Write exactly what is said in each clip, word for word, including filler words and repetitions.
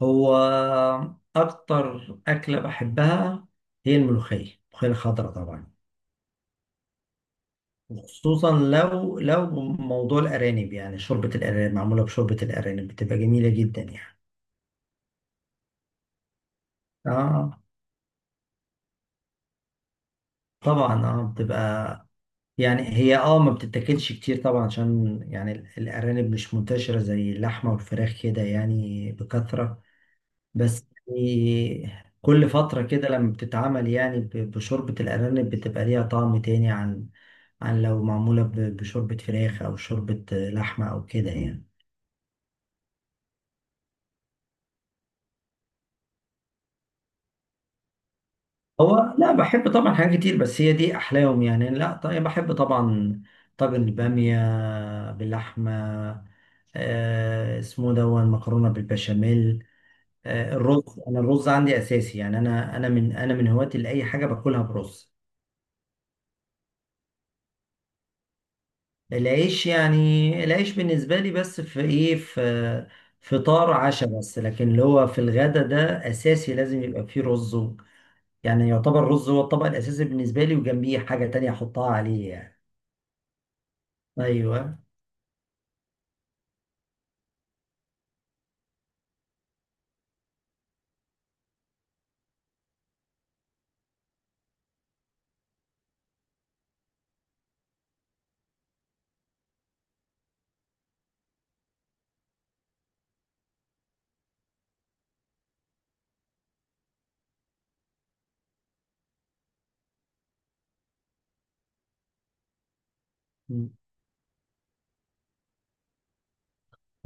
هو أكتر أكلة بحبها هي الملوخية الملوخية الخضراء طبعا، وخصوصا لو لو موضوع الأرانب، يعني شوربة الأرانب، معمولة بشوربة الأرانب بتبقى جميلة جدا يعني. آه طبعا آه بتبقى يعني هي، آه ما بتتاكلش كتير طبعا، عشان يعني ال- الأرانب مش منتشرة زي اللحمة والفراخ كده يعني بكثرة. بس يعني كل فترة كده لما بتتعمل، يعني ب- بشوربة الأرانب، بتبقى ليها طعم تاني عن عن لو معمولة ب- بشوربة فراخ أو شوربة لحمة أو كده يعني. هو لا، بحب طبعا حاجات كتير بس هي دي أحلاهم يعني. لا طيب، بحب طبعا طاجن البامية باللحمة، آه اسمه دون، مكرونة بالبشاميل، آه الرز. أنا الرز عندي أساسي، يعني أنا أنا من أنا من هواة لأي حاجة باكلها برز. العيش، يعني العيش بالنسبة لي بس في إيه، في فطار عشاء بس، لكن اللي هو في الغدا ده أساسي لازم يبقى فيه رز. يعني يعتبر الرز هو الطبق الأساسي بالنسبة لي، وجنبيه حاجة تانية أحطها عليه يعني. أيوه. م.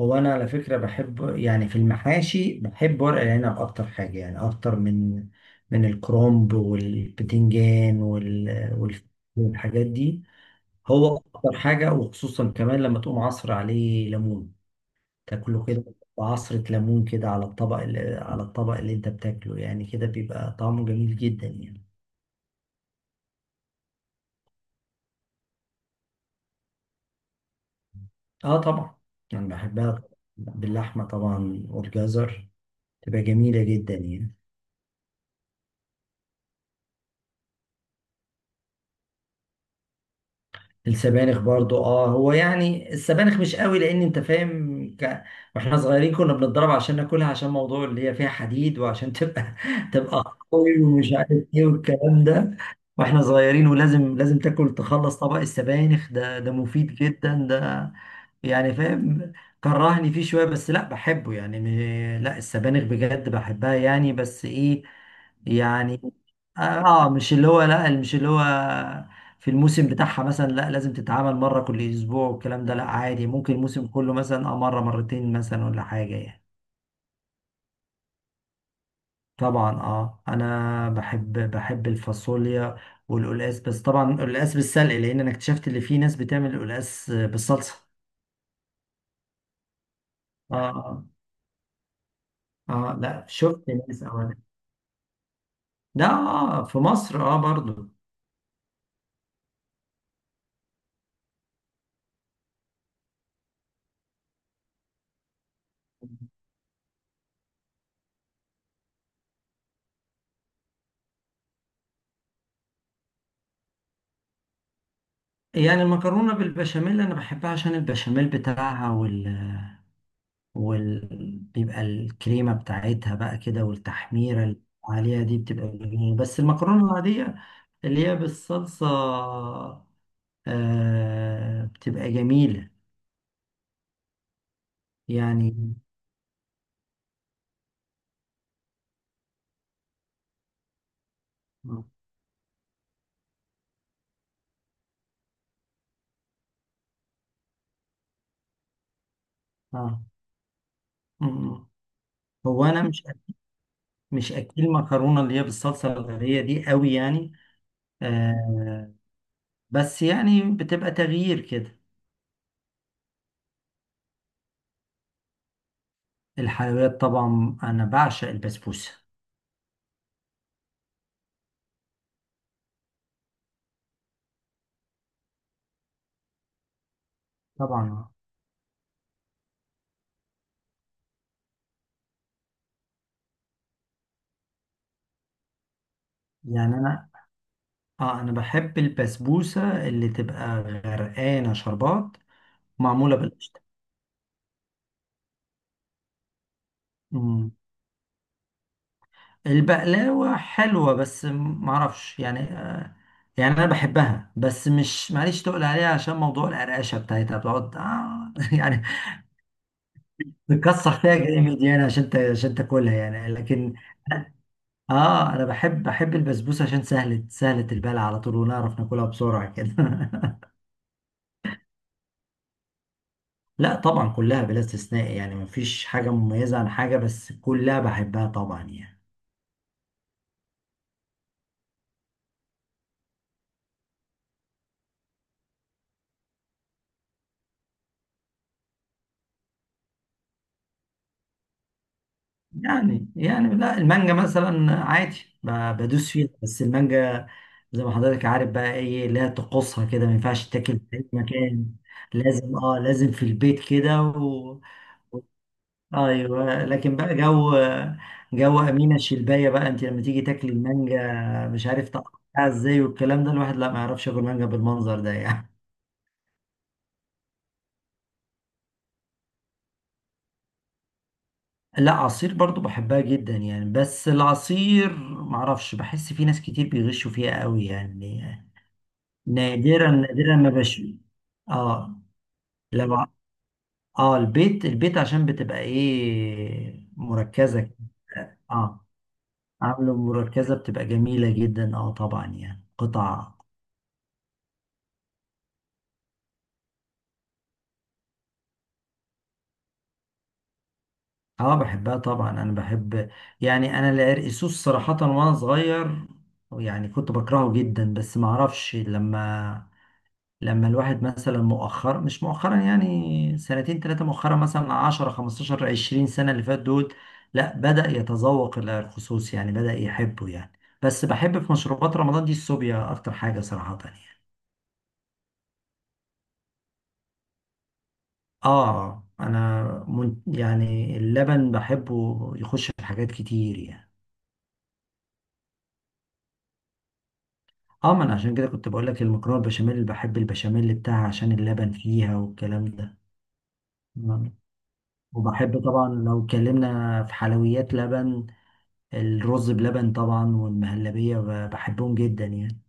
هو أنا على فكرة بحب، يعني في المحاشي بحب ورق العنب أكتر حاجة، يعني أكتر من من الكرنب والبتنجان وال... وال... والحاجات دي. هو أكتر حاجة، وخصوصا كمان لما تقوم عصر عليه ليمون، تاكله كده، عصرة ليمون كده على الطبق اللي على الطبق اللي أنت بتاكله يعني، كده بيبقى طعمه جميل جدا يعني. اه طبعا، يعني بحبها، باللحمة طبعا والجزر، تبقى جميلة جدا يعني. السبانخ برضو اه، هو يعني السبانخ مش قوي، لان انت فاهم ك... واحنا صغيرين كنا بنتضرب عشان ناكلها، عشان موضوع اللي هي فيها حديد، وعشان تبقى تبقى قوي ومش عارف ايه والكلام ده. واحنا صغيرين، ولازم لازم تاكل تخلص طبق السبانخ ده، ده مفيد جدا ده، يعني فاهم. كرهني فيه شوية، بس لا بحبه يعني. م- لا السبانخ بجد بحبها يعني، بس ايه، يعني اه. آه، مش اللي هو، لا مش اللي هو في الموسم بتاعها مثلا لا لازم تتعامل مرة كل أسبوع والكلام ده، لا عادي، ممكن الموسم كله مثلا اه مرة مرتين مثلا ولا حاجة يعني. طبعا اه، انا بحب بحب الفاصوليا والقلقاس، بس طبعا القلقاس بالسلق، لان انا اكتشفت ان في ناس بتعمل القلقاس بالصلصة. اه اه، آه، لا شفت ناس اولا. ده آه في مصر اه برضو. يعني المكرونة بالبشاميل انا بحبها عشان البشاميل بتاعها، وال، وبيبقى الكريمة بتاعتها بقى كده، والتحميرة اللي عليها دي بتبقى جميلة. بس المكرونة العادية اللي هي بالصلصة، آه بتبقى جميلة يعني. آه. مم. هو أنا مش، مش أكل مكرونة اللي هي بالصلصة الغربية دي قوي يعني. آه بس يعني بتبقى تغيير كده. الحلويات طبعا أنا بعشق البسبوسة. طبعا يعني أنا اه انا بحب البسبوسه اللي تبقى غرقانه شربات، معموله بالقشطه. مم. البقلاوه حلوه بس معرفش يعني آه يعني انا بحبها بس مش معليش تقول عليها، عشان موضوع القرقشه بتاعتها بتقعد آه يعني تكسر فيها جامد يعني، عشان ت- عشان تاكلها يعني، لكن اه انا بحب بحب البسبوسه عشان سهله، سهله البلع على طول ونعرف ناكلها بسرعه كده لا طبعا كلها بلا استثناء، يعني مفيش حاجة مميزة عن حاجة، بس كلها بحبها طبعا يعني. يعني يعني لا، المانجا مثلا عادي، ب- بدوس فيها، بس المانجا زي ما حضرتك عارف بقى ايه، لا تقصها كده ما ينفعش تاكل في أي مكان، لازم اه لازم في البيت كده و... ايوه. لكن بقى جو، جو امينه الشلبايه بقى، انت لما تيجي تاكلي المانجا مش عارف تقطعها ازاي والكلام ده، الواحد لا ما يعرفش ياكل مانجا بالمنظر ده يعني. لا، عصير برضو بحبها جدا يعني، بس العصير معرفش، بحس في ناس كتير بيغشوا فيها قوي يعني. نادرا نادرا ما بش اه. لو ع- اه البيت، البيت عشان بتبقى ايه، مركزة. اه عامله مركزة بتبقى جميلة جدا، اه طبعا يعني قطع. اه بحبها طبعا، انا بحب، يعني انا العرقسوس صراحة وانا صغير يعني كنت بكرهه جدا، بس معرفش لما، لما الواحد مثلا مؤخرا، مش مؤخرا يعني سنتين ثلاثة، مؤخرا مثلا عشرة خمسة عشر عشرين سنة اللي فات دول، لا بدأ يتذوق، إلى الخصوص يعني بدأ يحبه يعني. بس بحب في مشروبات رمضان دي الصوبيا أكتر حاجة صراحة يعني. آه أنا من، يعني اللبن بحبه يخش في حاجات كتير يعني. اه ما انا عشان كده كنت بقول لك المكرونه البشاميل بحب البشاميل بتاعها عشان اللبن فيها والكلام ده. نعم. وبحب طبعا لو اتكلمنا في حلويات لبن، الرز بلبن طبعا والمهلبية ب- بحبهم جدا يعني.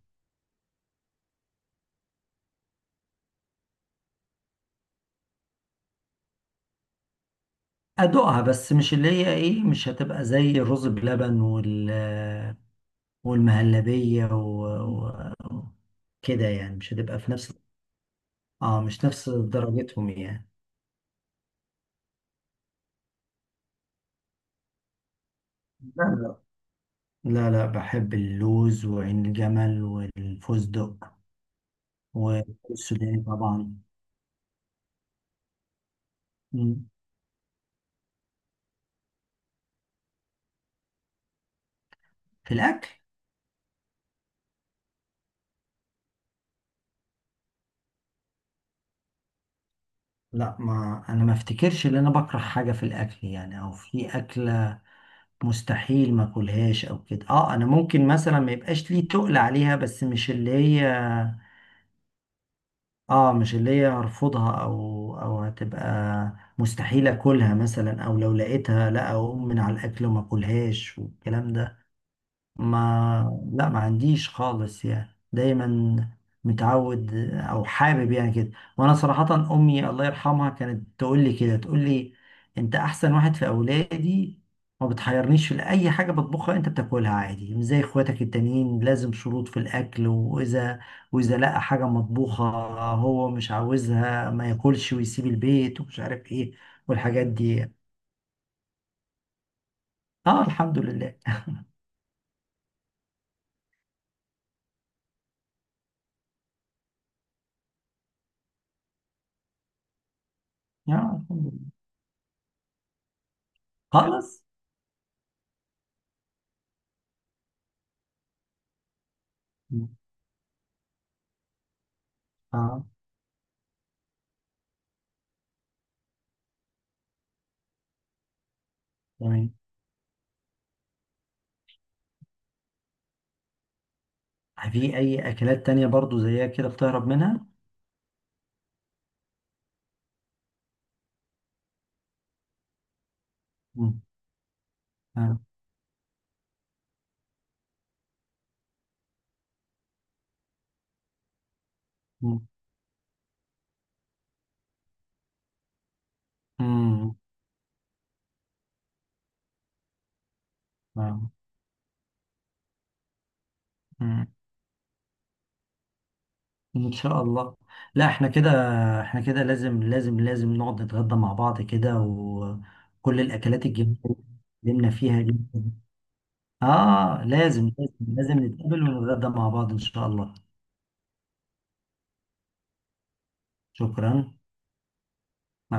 أدوقها بس مش اللي هي إيه، مش هتبقى زي الرز بلبن، وال، والمهلبية و... و... كده يعني، مش هتبقى في نفس، اه مش نفس درجتهم يعني. لا لا لا لا بحب اللوز وعين الجمل والفستق والسوداني طبعا. مم. في الأكل؟ لا ما أنا ما أفتكرش إن أنا بكره حاجة في الأكل يعني، أو في أكلة مستحيل ما اكلهاش او كده. اه انا ممكن مثلا ما يبقاش لي تقل عليها، بس مش اللي هي اه مش اللي هي هرفضها او، او هتبقى مستحيل اكلها مثلا، او لو لقيتها لا اقوم من على الاكل وما اكلهاش والكلام ده. ما لا، ما عنديش خالص يعني، دايما متعود او حابب يعني كده. وانا صراحة امي الله يرحمها كانت تقول لي كده، تقول لي انت احسن واحد في اولادي، ما بتحيرنيش في اي حاجة بطبخها، انت بتاكلها عادي، مش زي اخواتك التانيين لازم شروط في الاكل، واذا، واذا لقى حاجة مطبوخة هو مش عاوزها ما ياكلش ويسيب البيت ومش عارف ايه والحاجات دي. اه الحمد لله. آه الحمد لله. خالص. اه تمام. في أي أكلات تانية برضو زيها كده بتهرب منها؟ مم. آه. مم. مم. آه. مم. إن شاء الله. لا احنا كده، احنا كده لازم لازم لازم نقعد نتغدى مع بعض كده، وكل الأكلات الجميلة اللي اتكلمنا فيها دي. آه لازم لازم لازم نتقابل ونتغدى مع بعض إن شاء الله. شكرا. مع